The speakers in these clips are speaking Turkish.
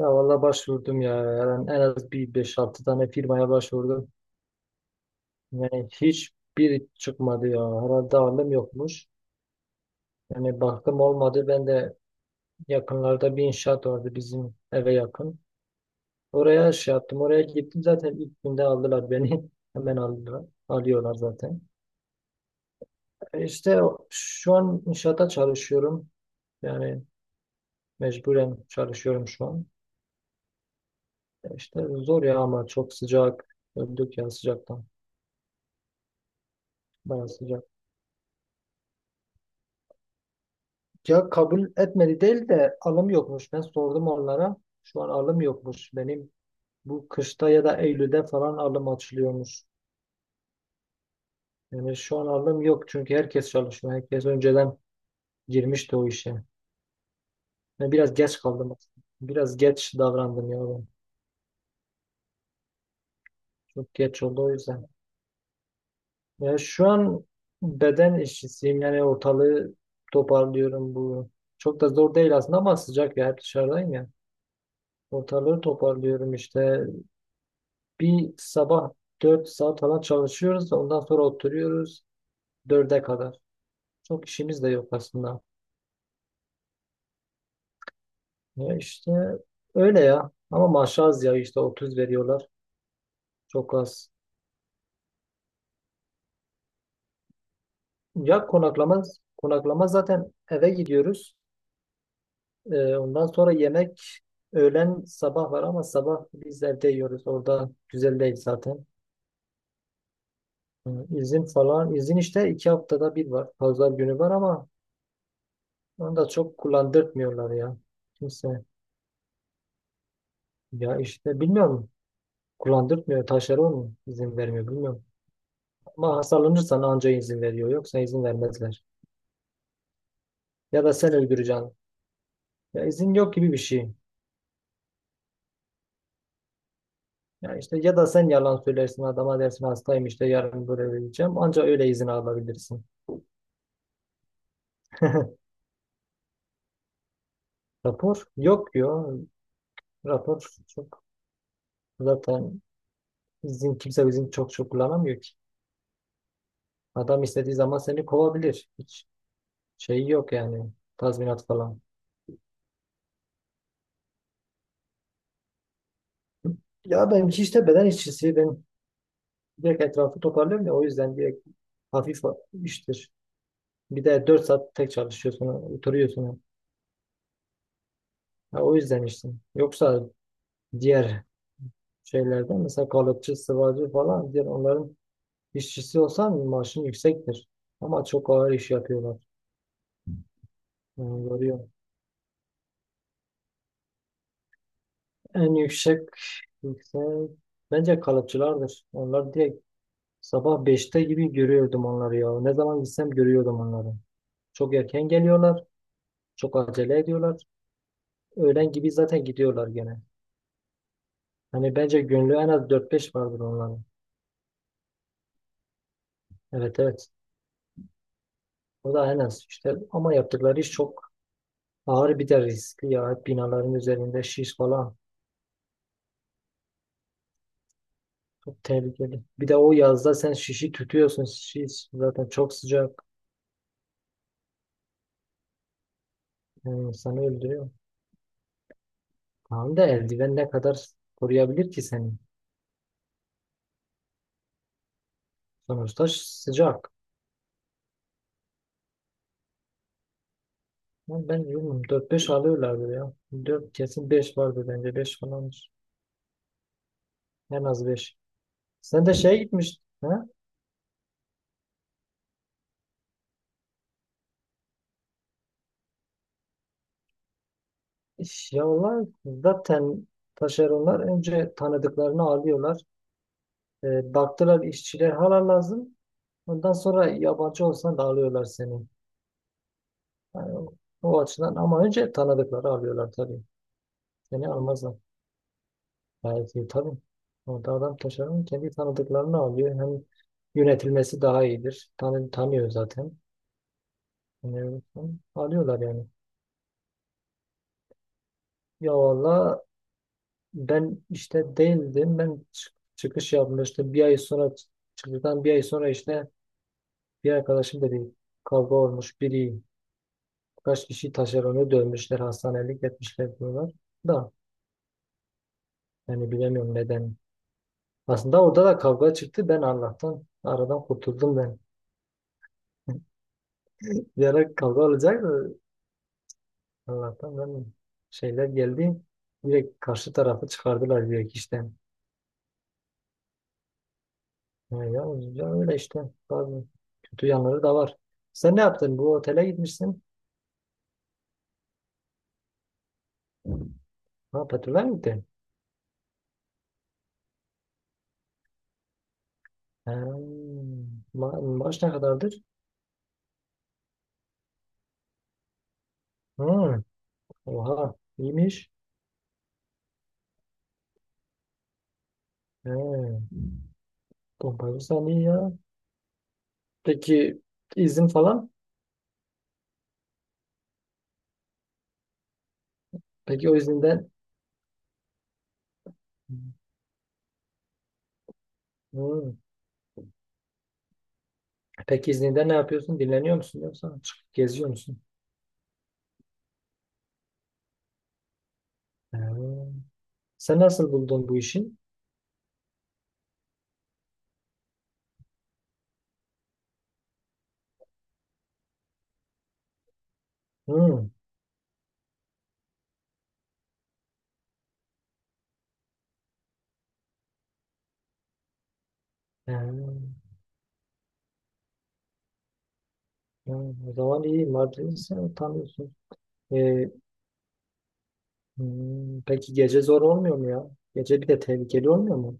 Ya valla başvurdum ya. Yani en az bir beş altı tane firmaya başvurdum. Yani hiçbir çıkmadı ya. Herhalde alım yokmuş. Yani baktım olmadı. Ben de yakınlarda bir inşaat vardı bizim eve yakın. Oraya şey yaptım. Oraya gittim zaten ilk günde aldılar beni. Hemen aldılar. Alıyorlar zaten. İşte şu an inşaata çalışıyorum. Yani mecburen çalışıyorum şu an. İşte zor ya ama çok sıcak. Öldük ya sıcaktan. Bayağı sıcak. Ya kabul etmedi değil de alım yokmuş. Ben sordum onlara. Şu an alım yokmuş. Benim bu kışta ya da Eylül'de falan alım açılıyormuş. Yani şu an alım yok çünkü herkes çalışıyor. Herkes önceden girmişti o işe. Ben biraz geç kaldım aslında. Biraz geç davrandım ya ben. Çok geç oldu o yüzden. Ya şu an beden işçisiyim. Yani ortalığı toparlıyorum bu. Çok da zor değil aslında ama sıcak ya. Hep dışarıdayım ya. Ortalığı toparlıyorum işte. Bir sabah 4 saat falan çalışıyoruz. Ondan sonra oturuyoruz 4'e kadar. Çok işimiz de yok aslında. Ya işte öyle ya. Ama maaş az ya işte 30 veriyorlar. Çok az. Ya konaklama, konaklama zaten eve gidiyoruz. Ondan sonra yemek öğlen sabah var ama sabah biz evde yiyoruz. Orada güzel değil zaten. Ee, İzin falan. İzin işte iki haftada bir var. Pazar günü var ama onu da çok kullandırtmıyorlar ya. Kimse. Ya işte bilmiyorum. Kullandırmıyor. Taşları mu izin vermiyor. Bilmiyorum. Ama hastalanırsan anca izin veriyor. Yoksa izin vermezler. Ya da sen öldüreceksin. Ya izin yok gibi bir şey. Ya işte ya da sen yalan söylersin adama dersin hastayım işte yarın böyle öleceğim. Anca öyle izin alabilirsin. Rapor yok diyor. Rapor çok zaten kimse izin çok çok kullanamıyor ki. Adam istediği zaman seni kovabilir. Hiç şeyi yok yani. Tazminat falan. Ya benimki işte beden işçisi. Ben direkt etrafı toparlıyor ya o yüzden direkt hafif iştir. Bir de 4 saat tek çalışıyorsun, oturuyorsun. Ha, o yüzden işte. Yoksa diğer şeylerde mesela kalıpçı, sıvacı falan diğer onların işçisi olsan maaşın yüksektir. Ama çok ağır iş yapıyorlar. Yani yoruyor. En yüksek bence kalıpçılardır. Onlar direkt sabah beşte gibi görüyordum onları ya. Ne zaman gitsem görüyordum onları. Çok erken geliyorlar, çok acele ediyorlar. Öğlen gibi zaten gidiyorlar gene. Hani bence gönlü en az dört beş vardır onların. Evet evet. O da en az işte. Ama yaptıkları iş çok ağır bir de riskli ya. Hep binaların üzerinde şiş falan. Çok tehlikeli. Bir de o yazda sen şişi tutuyorsun. Şiş zaten çok sıcak. Yani insanı öldürüyor. Tamam da eldiven ne kadar koruyabilir ki seni? Sonuçta sıcak. Ama ben bilmiyorum. 4-5 alıyorlardır ya. 4 kesin 5 vardır bence. Beş falandır. En az 5. Sen de şeye gitmiş. He? Ya onlar zaten taşeronlar önce tanıdıklarını alıyorlar. E, baktılar işçiler hala lazım. Ondan sonra yabancı olsan da alıyorlar seni. Yani o, o açıdan ama önce tanıdıkları alıyorlar tabii. Seni almazlar. Gayet iyi tabii. Orada adam taşeron kendi tanıdıklarını alıyor. Hem yönetilmesi daha iyidir. Tanıyor zaten. Yani, alıyorlar yani. Ya valla ben işte değildim. Ben çıkış yapmıştım. Bir ay sonra çıktıktan bir ay sonra işte bir arkadaşım dedi kavga olmuş biri kaç kişi taşeronu dövmüşler hastanelik etmişler diyorlar da yani bilemiyorum neden. Aslında orada da kavga çıktı. Ben Allah'tan aradan kurtuldum ben. Bir ara kavga olacaktı. Allah'tan ben şeyler geldi. Direkt karşı tarafı çıkardılar direkt işten. Yani ya, ya öyle işte. Bazı kötü yanları da var. Sen ne yaptın? Bu otele gitmişsin. Ha petrole mi gitti? Ha, maaş ne kadardır? Hı, oha iyiymiş. He, pompacı sen iyi ya. Peki izin falan? Peki o izinden. Hı. Peki izninde ne yapıyorsun? Dinleniyor musun yoksa çıkıp geziyor musun? He. Sen nasıl buldun bu işi? Hı. He. Hı. O zaman iyi. Mardin'i sen tanıyorsun. E, hı. Peki gece zor olmuyor mu ya? Gece bir de tehlikeli olmuyor mu?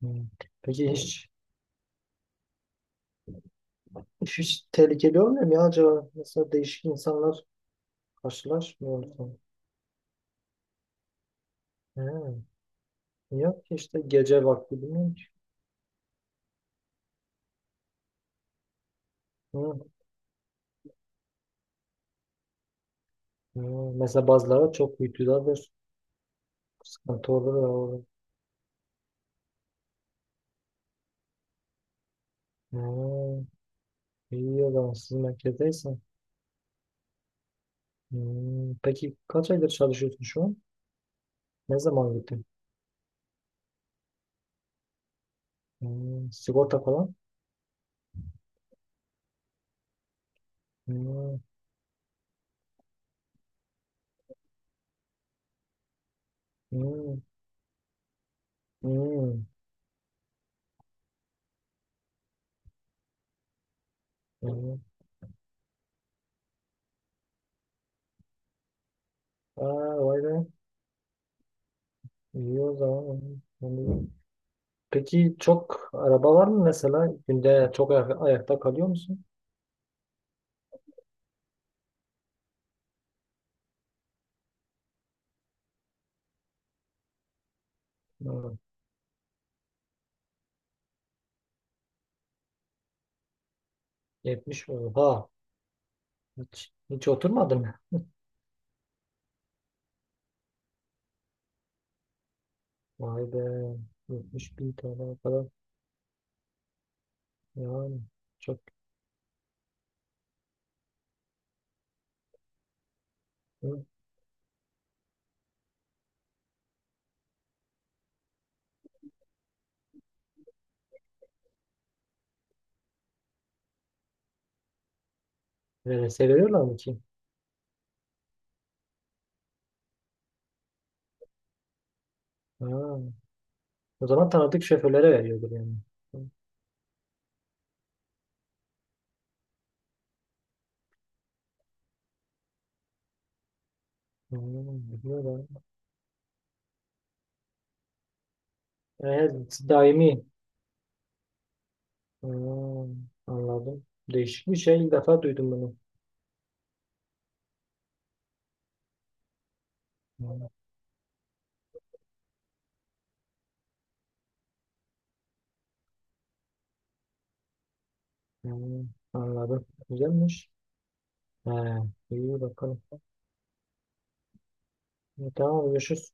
Hı. Peki hiç hiç tehlikeli olmuyor mu ya acaba? Mesela değişik insanlar karşılaşmıyorsun. He. Yok ki işte gece vakti bilmiyorum ki. Hı. Hı. Mesela bazıları çok uykudadır. Sıkıntı olur ya orada. Hı. İyi o zaman siz merkezdeysen. Hı. Peki kaç aydır çalışıyorsun şu an? Ne zaman gittin? Hı. Sigorta falan? Hı. Hı. Hı. Hı. Aa, vay be. İyi o zaman. Hı. Peki çok araba var mı mesela? Günde çok ayakta kalıyor musun? Hmm, 70 oha. Hiç oturmadın mı? Vay be. 70 bin TL falan. Yani çok. Hı. Verese veriyorlar mı ki? Ha. O zaman tanıdık şoförlere veriyordur yani. Hı. Hmm, bilmiyorum. Evet, daimi. Hmm, anladım. Değişik bir şey. İlk defa duydum bunu. Hmm, hmm, anladım. Güzelmiş. He, iyi bakalım. E, tamam, görüşürüz.